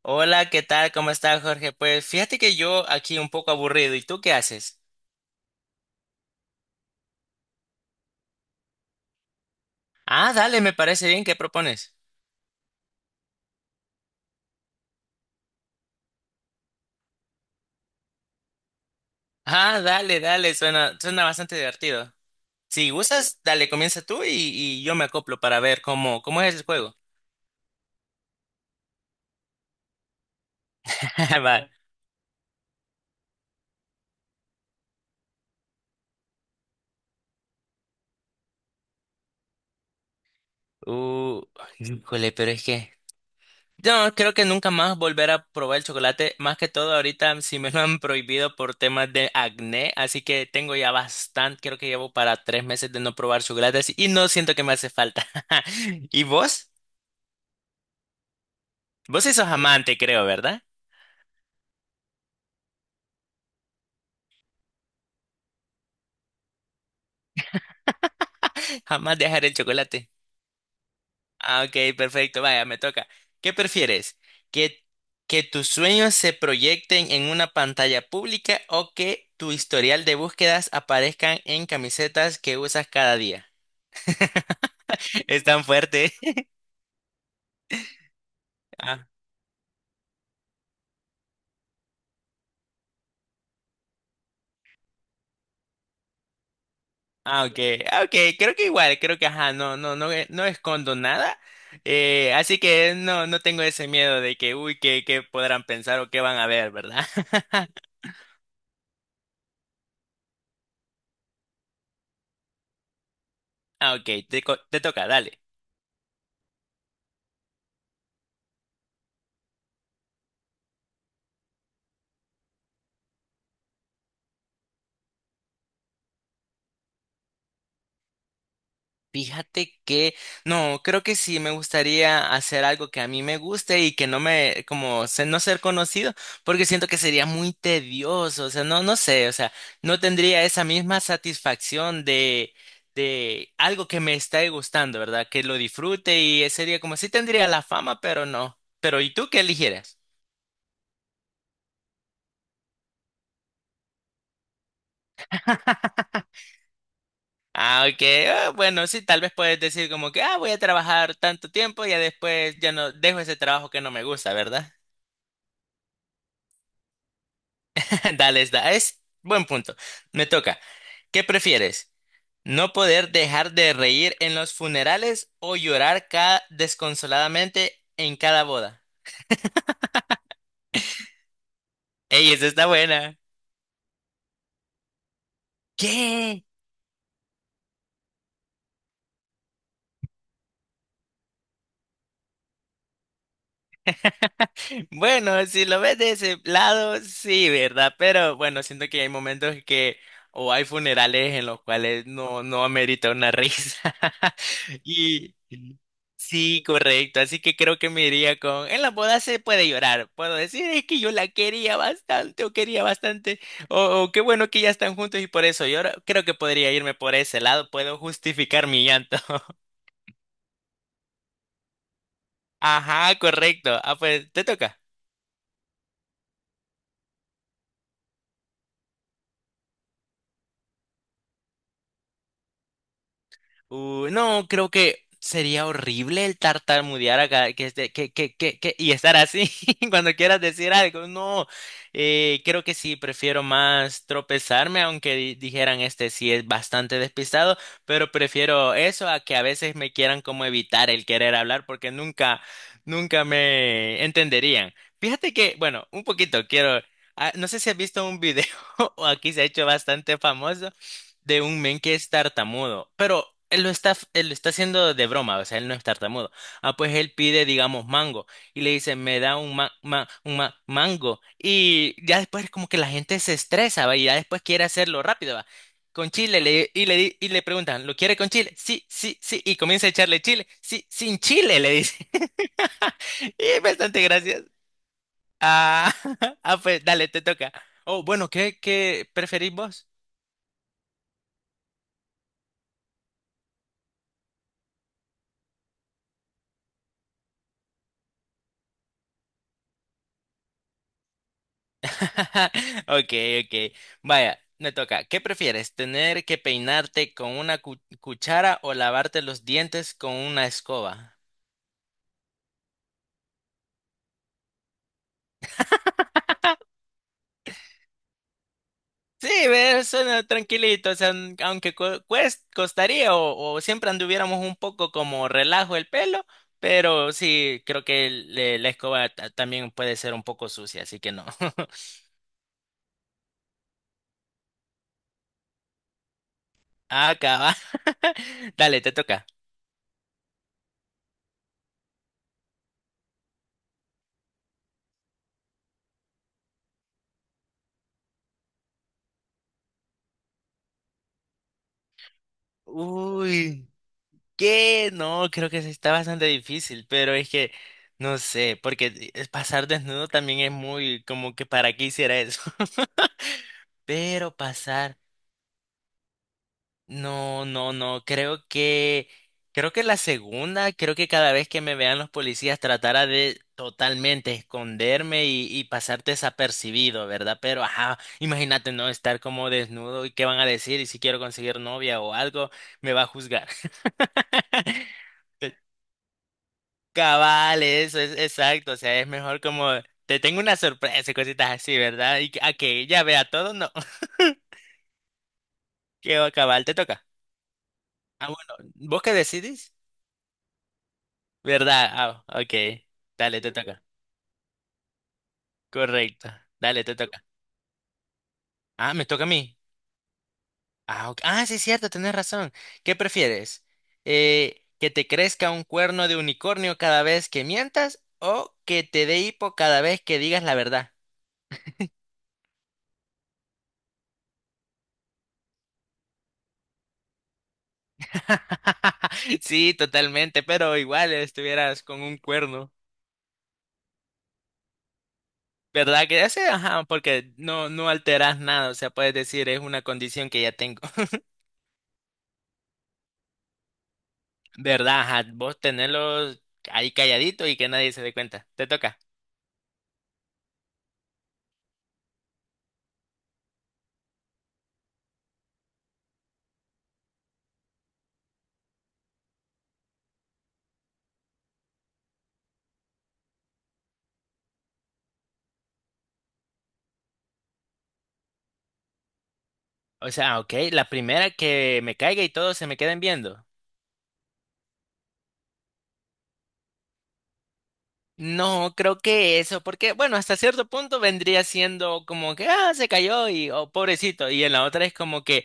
Hola, ¿qué tal? ¿Cómo estás, Jorge? Pues fíjate que yo aquí un poco aburrido. ¿Y tú qué haces? Ah, dale, me parece bien. ¿Qué propones? Ah, dale, dale. Suena bastante divertido. Si gustas, dale, comienza tú y yo me acoplo para ver cómo es el juego. Va. Uh, híjole, pero es que... No, creo que nunca más volver a probar el chocolate. Más que todo, ahorita sí me lo han prohibido por temas de acné, así que tengo ya bastante, creo que llevo para 3 meses de no probar chocolates y no siento que me hace falta. ¿Y vos? Vos sí sos amante, creo, ¿verdad? Jamás dejar el chocolate. Ah, ok, perfecto, vaya, me toca. ¿Qué prefieres? ¿Que, que tus sueños se proyecten en una pantalla pública o que tu historial de búsquedas aparezcan en camisetas que usas cada día? Es tan fuerte. Ah, ah, ok. Ah, ok. Creo que igual, creo que ajá, no, no, no, no escondo nada. Así que no, no tengo ese miedo de que, uy, que podrán pensar o qué van a ver, ¿verdad? Ah, ok, te, co- te toca, dale. Fíjate que, no, creo que sí me gustaría hacer algo que a mí me guste y que no me, como, se- no ser conocido, porque siento que sería muy tedioso, o sea, no, no sé, o sea, no tendría esa misma satisfacción de algo que me está gustando, ¿verdad? Que lo disfrute y sería como, sí tendría la fama, pero no. Pero, ¿y tú qué eligieras? Ah, ok, ah, bueno, sí, tal vez puedes decir como que, ah, voy a trabajar tanto tiempo y ya después ya no dejo ese trabajo que no me gusta, ¿verdad? Dale, es, da- es buen punto. Me toca. ¿Qué prefieres? ¿No poder dejar de reír en los funerales o llorar ca- desconsoladamente en cada boda? Ey, esa está buena. ¿Qué? Bueno, si lo ves de ese lado, sí, ¿verdad? Pero bueno, siento que hay momentos que o hay funerales en los cuales no, no amerita una risa. Y sí, correcto. Así que creo que me iría con, en la boda se puede llorar. Puedo decir, es que yo la quería bastante. O qué bueno que ya están juntos y por eso lloro. Creo que podría irme por ese lado. Puedo justificar mi llanto. Ajá, correcto. Ah, pues, te toca. No, creo que sería horrible el tartamudear acá, que, este- que- y estar así cuando quieras decir algo. No, creo que sí, prefiero más tropezarme, aunque di- dijeran este sí es bastante despistado, pero prefiero eso a que a veces me quieran como evitar el querer hablar porque nunca, nunca me entenderían. Fíjate que, bueno, un poquito quiero, ah, no sé si has visto un video, o aquí se ha hecho bastante famoso de un men que es tartamudo, pero él lo está haciendo de broma, o sea, él no es tartamudo. Ah, pues él pide, digamos, mango y le dice, me da un, ma- ma- un ma- mango. Y ya después como que la gente se estresa, ¿va? Y ya después quiere hacerlo rápido, ¿va? Con chile, le, y, le, di- y le preguntan, ¿lo quiere con chile? Sí, sí, sí. Y comienza a echarle chile. Sí, sin chile, le dice. Y es bastante gracioso. Ah, ah, pues dale, te toca. Oh, bueno, ¿qué preferís vos? Ok, ok. Vaya, me toca. ¿Qué prefieres? ¿Tener que peinarte con una cu- cuchara o lavarte los dientes con una escoba? Sí, ve, suena tranquilito, o sea, n- aunque cu- cuest- costaría o siempre anduviéramos un poco como relajo el pelo, pero sí, creo que el- le- la escoba ta- también puede ser un poco sucia, así que no. Acaba. Dale, te toca. Uy. ¿Qué? No, creo que sí está bastante difícil, pero es que no sé, porque es- pasar desnudo también es muy como que para qué hiciera eso. Pero pasar, no, no, no, creo que la segunda, creo que cada vez que me vean los policías tratara de totalmente esconderme y pasar desapercibido, ¿verdad? Pero ajá, imagínate no estar como desnudo y qué van a decir y si quiero conseguir novia o algo, me va a juzgar. Cabal, eso es exacto, o sea, es mejor como te tengo una sorpresa y cositas así, ¿verdad? Y que- a que ella vea todo, no. Qué va, cabal, te toca. Ah, bueno, ¿vos qué decidís? ¿Verdad? Ah, ok. Dale, te toca. Correcto. Dale, te toca. Ah, me toca a mí. Ah, ok. Ah, sí, es cierto, tenés razón. ¿Qué prefieres? ¿Que te crezca un cuerno de unicornio cada vez que mientas o que te dé hipo cada vez que digas la verdad? Sí, totalmente, pero igual estuvieras con un cuerno, ¿verdad? Que ya sé, ajá, porque no, no alteras nada, o sea, puedes decir, es una condición que ya tengo, ¿verdad? Ajá, vos tenerlos ahí calladito y que nadie se dé cuenta, te toca. O sea, ok, la primera que me caiga y todos se me queden viendo. No, creo que eso, porque bueno, hasta cierto punto vendría siendo como que, ah, se cayó y, oh, pobrecito, y en la otra es como que...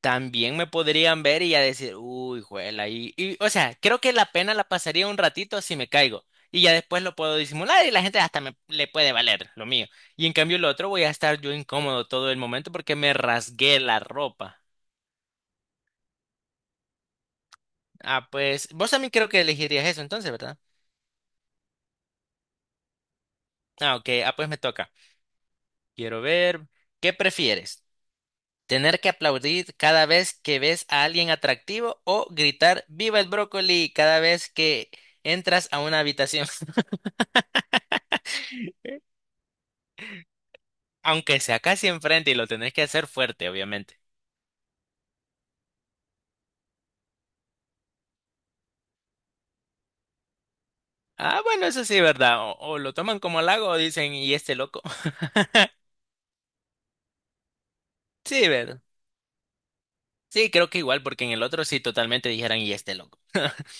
también me podrían ver y ya decir, uy, juela, o sea, creo que la pena la pasaría un ratito si me caigo y ya después lo puedo disimular y la gente hasta me le puede valer lo mío. Y en cambio el otro voy a estar yo incómodo todo el momento porque me rasgué la ropa. Ah, pues vos también creo que elegirías eso entonces, ¿verdad? Ah, ok, ah, pues me toca. Quiero ver, ¿qué prefieres? ¿Tener que aplaudir cada vez que ves a alguien atractivo o gritar viva el brócoli cada vez que entras a una habitación? Aunque sea casi enfrente y lo tenés que hacer fuerte, obviamente. Ah, bueno, eso sí, ¿verdad? O lo toman como halago o dicen, ¿y este loco? Sí, ¿verdad? Sí, creo que igual, porque en el otro sí totalmente dijeran, ¿y este loco?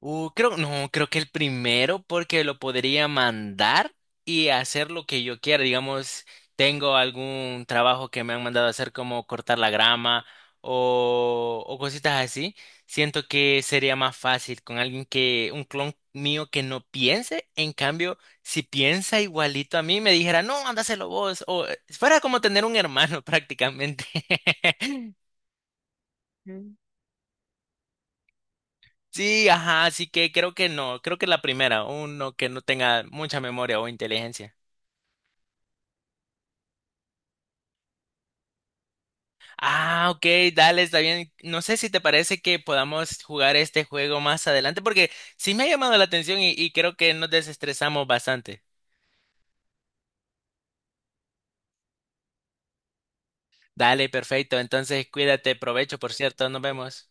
Creo, no, creo que el primero porque lo podría mandar y hacer lo que yo quiera. Digamos, tengo algún trabajo que me han mandado a hacer como cortar la grama o cositas así. Siento que sería más fácil con alguien que, un clon mío que no piense. En cambio, si piensa igualito a mí, me dijera, no, ándaselo vos. O fuera como tener un hermano prácticamente. Sí, ajá, así que creo que no, creo que la primera, uno que no tenga mucha memoria o inteligencia. Ah, ok, dale, está bien. No sé si te parece que podamos jugar este juego más adelante, porque sí me ha llamado la atención y creo que nos desestresamos bastante. Dale, perfecto, entonces cuídate, provecho, por cierto, nos vemos.